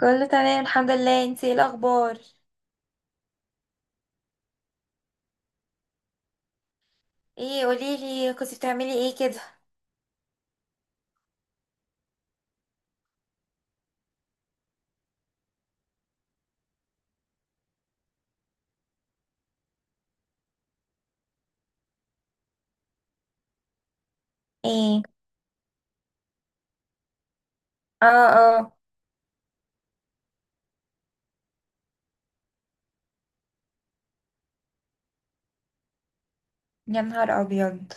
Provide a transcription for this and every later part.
كله تمام، الحمد لله. انتي ايه الاخبار؟ ايه، قوليلي كنتي بتعملي ايه كده؟ ايه. اه، اه. يا نهار ابيض.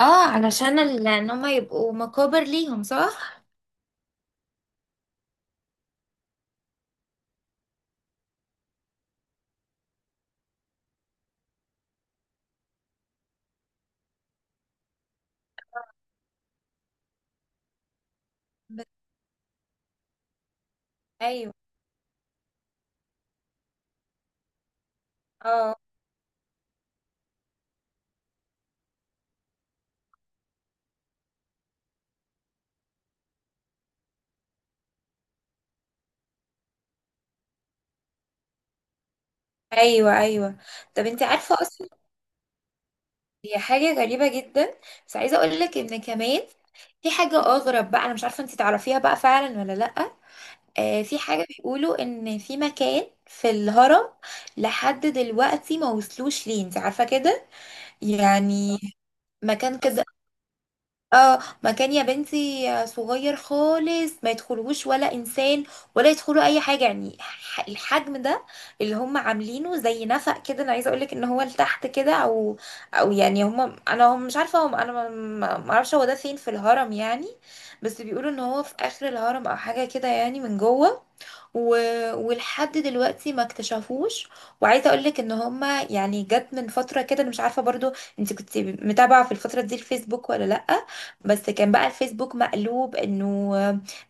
اه، علشان ان هما يبقوا مقابر ليهم، صح؟ بس-. ايوه. اه. ايوه، ايوه. طب انتي عارفه اصلا؟ هي حاجه غريبه جدا. بس عايزه اقول لك ان كمان في حاجه اغرب بقى، انا مش عارفه انتي تعرفيها بقى فعلا ولا لا. في حاجه بيقولوا ان في مكان في الهرم لحد دلوقتي ما وصلوش ليه، انتي عارفه كده؟ يعني. مكان كده. اه، مكان يا بنتي صغير خالص، ما يدخلوش ولا انسان ولا يدخلوا اي حاجه، يعني الحجم ده اللي هم عاملينه زي نفق كده. انا عايزه اقولك ان هو لتحت كده، او يعني هم مش عارفه، هم انا ما ما- ما اعرفش هو ده فين في الهرم يعني. بس بيقولوا ان هو في اخر الهرم او حاجه كده، يعني من جوه و... ولحد دلوقتي ما اكتشفوش. وعايزه اقولك ان هما، يعني جت من فتره كده، انا مش عارفه برضو انت كنت متابعه في الفتره دي الفيسبوك ولا لا. بس كان بقى الفيسبوك مقلوب، انه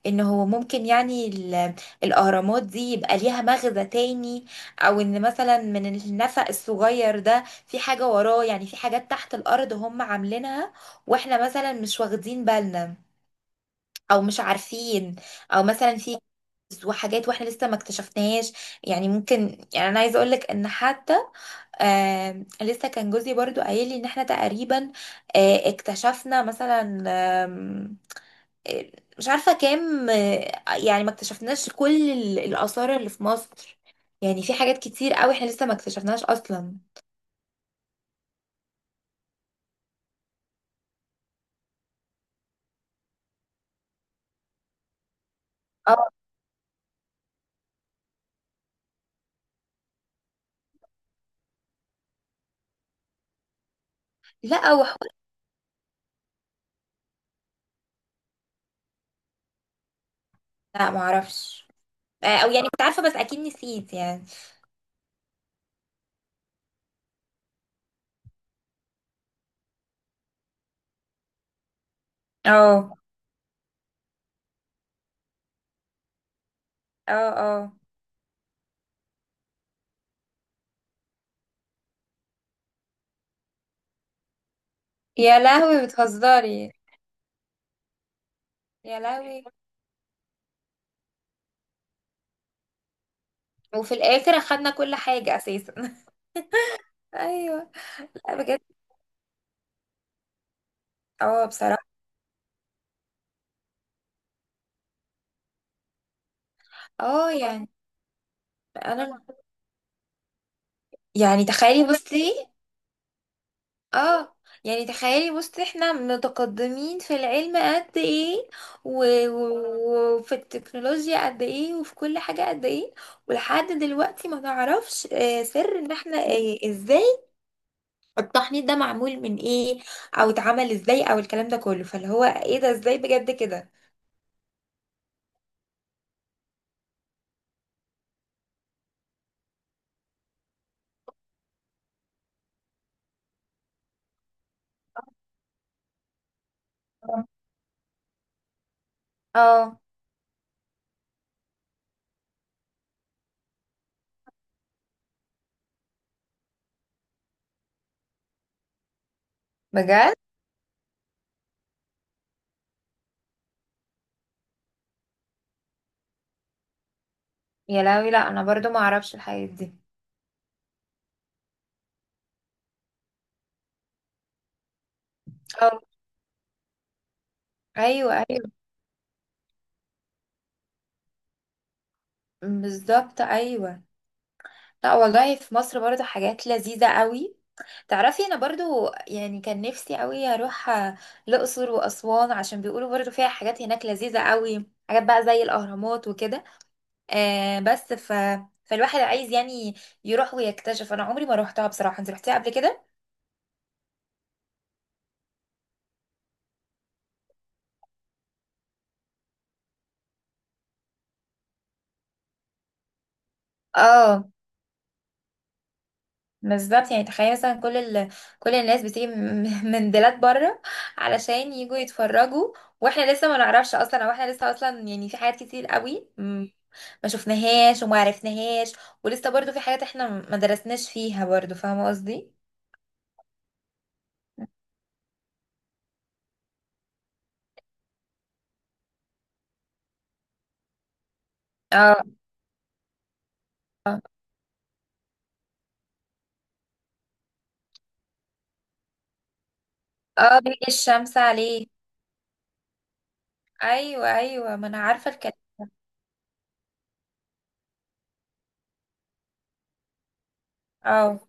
ان هو ممكن يعني الاهرامات دي يبقى ليها مغزى تاني، او ان مثلا من النفق الصغير ده في حاجة وراه، يعني في حاجات تحت الارض هم عاملينها واحنا مثلا مش واخدين بالنا او مش عارفين، او مثلا في كنز وحاجات واحنا لسه ما اكتشفناهاش. يعني ممكن، يعني انا عايزه اقولك ان حتى لسه كان جوزي برضو قايل لي ان احنا تقريبا اكتشفنا مثلا، مش عارفة كام، يعني ما اكتشفناش كل الآثار اللي في مصر. يعني في حاجات كتير قوي احنا لسه ما اكتشفناش أصلا. اه. لا، لا، ما اعرفش. او يعني كنت عارفة بس اكيد نسيت يعني. اه، اه، اه. يا لهوي، بتهزري؟ يا لهوي. وفي الاخر اخدنا كل حاجة اساسا. ايوه. لا، بجد. اه، بصراحة. اه، يعني. انا. يعني تخيلي، بصي. اه. يعني تخيلي بصي، احنا متقدمين في العلم قد ايه، وفي التكنولوجيا قد ايه، وفي كل حاجة قد ايه. ولحد دلوقتي ما نعرفش سر ان احنا ازاي التحنيط ده معمول من ايه، او اتعمل ازاي، او الكلام ده كله، فاللي هو ايه ده ازاي بجد كده؟ اه، بجد. يا لهوي. لا، انا برضو ما اعرفش الحاجات دي. اه. ايوه، ايوه. بالظبط، ايوه. لا، والله في مصر برضو حاجات لذيذة قوي. تعرفي، انا برضو يعني كان نفسي قوي اروح الاقصر واسوان، عشان بيقولوا برضو فيها حاجات هناك لذيذه قوي، حاجات بقى زي الاهرامات وكده. بس فالواحد عايز يعني يروح ويكتشف. انا عمري ما روحتها بصراحه. انت رحتيها قبل كده؟ اه. بالظبط، يعني تخيل مثلا كل كل الناس بتيجي من من بلاد بره علشان يجوا يتفرجوا، واحنا لسه ما نعرفش اصلا، او احنا لسه اصلا، يعني في حاجات كتير قوي ما شفناهاش وما عرفناهاش، ولسه برضو في حاجات احنا ما درسناش فيها برضو، فاهمة قصدي؟ اه. اه، بيجي الشمس عليه. ايوه، ايوه، ما انا عارفة الكلام. اه،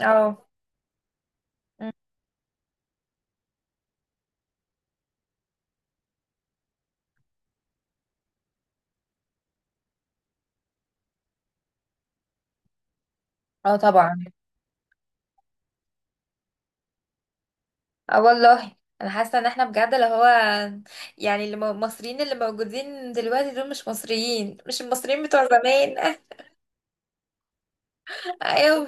اه. مم. اه، طبعا. اه، والله. انا حاسة ان احنا بجد اللي هو، يعني اللي المصريين اللي موجودين دلوقتي دول مش مصريين، مش المصريين بتوع زمان. ايوه.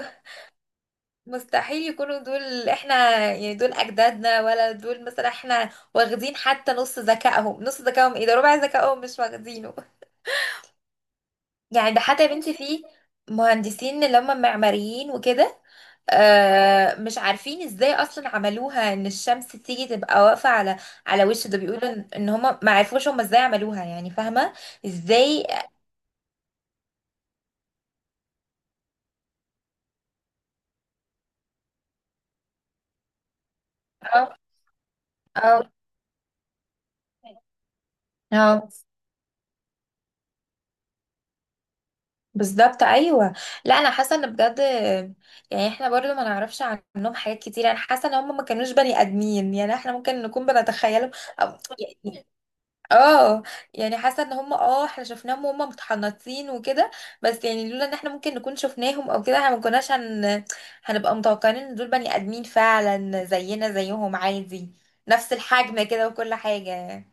مستحيل يكونوا دول احنا. يعني دول اجدادنا؟ ولا دول مثلا احنا واخدين حتى نص ذكائهم؟ نص ذكائهم، ايه ده، ربع ذكائهم مش واخدينه. يعني ده حتى يا بنتي في مهندسين اللي هم معماريين وكده، مش عارفين ازاي اصلا عملوها ان الشمس تيجي تبقى واقفه على وش ده، بيقولوا ان هم ما عرفوش هم ازاي عملوها، يعني فاهمه؟ ازاي. اه، اه، بالظبط، ايوه. لا، انا حاسه ان بجد، يعني احنا برضو ما نعرفش عنهم حاجات كتير. انا حاسه ان هم ما كانوش بني ادمين، يعني احنا ممكن نكون بنتخيلهم، أو، يعني، اه، يعني حاسه ان هم احنا شفناهم وهم متحنطين وكده، بس يعني لولا ان احنا ممكن نكون شفناهم او كده احنا ما كناش هنبقى متوقعين ان دول بني ادمين فعلا زينا زيهم عادي، نفس الحجم كده وكل حاجه.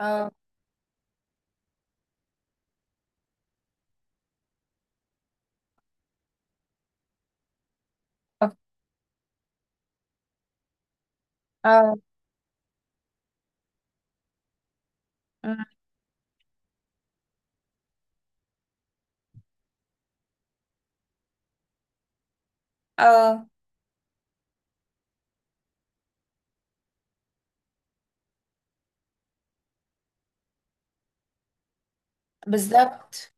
اه، اه، اه، بالظبط.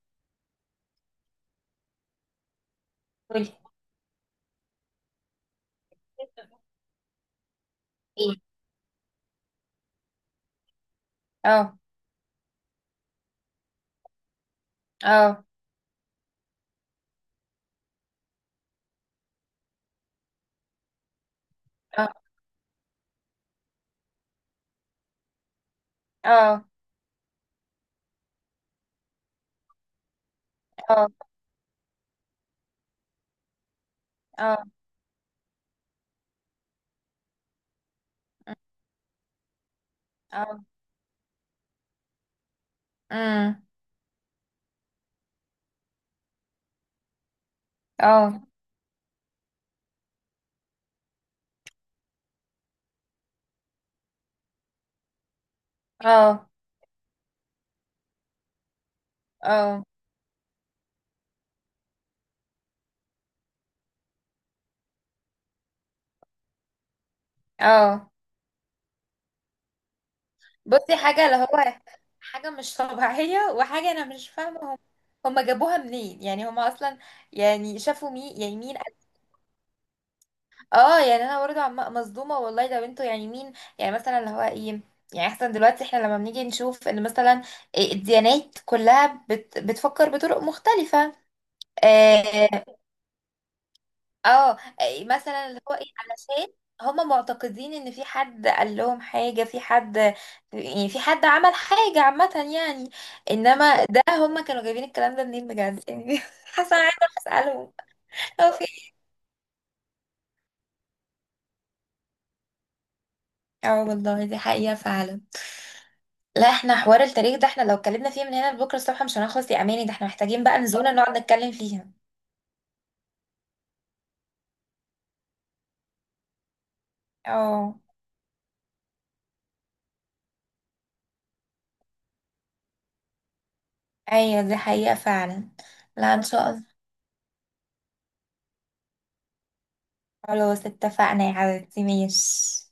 قولي. اه، اه، اه، اه، اه، اه، اه. امم. اه، اه، اه، اه. بصي حاجة، اللي هو حاجة مش طبيعية، وحاجة أنا مش فاهمة هم جابوها منين؟ يعني هم أصلا، يعني شافوا مين؟ يعني مين؟ اه، يعني أنا برضه مصدومة والله، ده بنته يعني مين؟ يعني مثلا اللي هو ايه، يعني احسن دلوقتي احنا لما بنيجي نشوف ان مثلا الديانات كلها بتفكر بطرق مختلفة. آه، اه، إيه مثلا اللي هو ايه، علشان هما معتقدين ان في حد قال لهم حاجة، في حد، يعني في حد عمل حاجة عامة يعني، انما ده هما كانوا جايبين الكلام ده منين بجد يعني. حاسة أنا عايزة أروح اسألهم. هو في إيه؟ اه، والله دي حقيقة فعلا. لا، احنا حوار التاريخ ده، احنا لو اتكلمنا فيه من هنا لبكرة الصبح مش هنخلص يا اماني، ده احنا محتاجين بقى نزولة نقعد نتكلم فيها. اه، ايوه، دي حقيقة فعلا. لا، ان شاء الله. خلاص، اتفقنا يا حبيبتي، ماشي.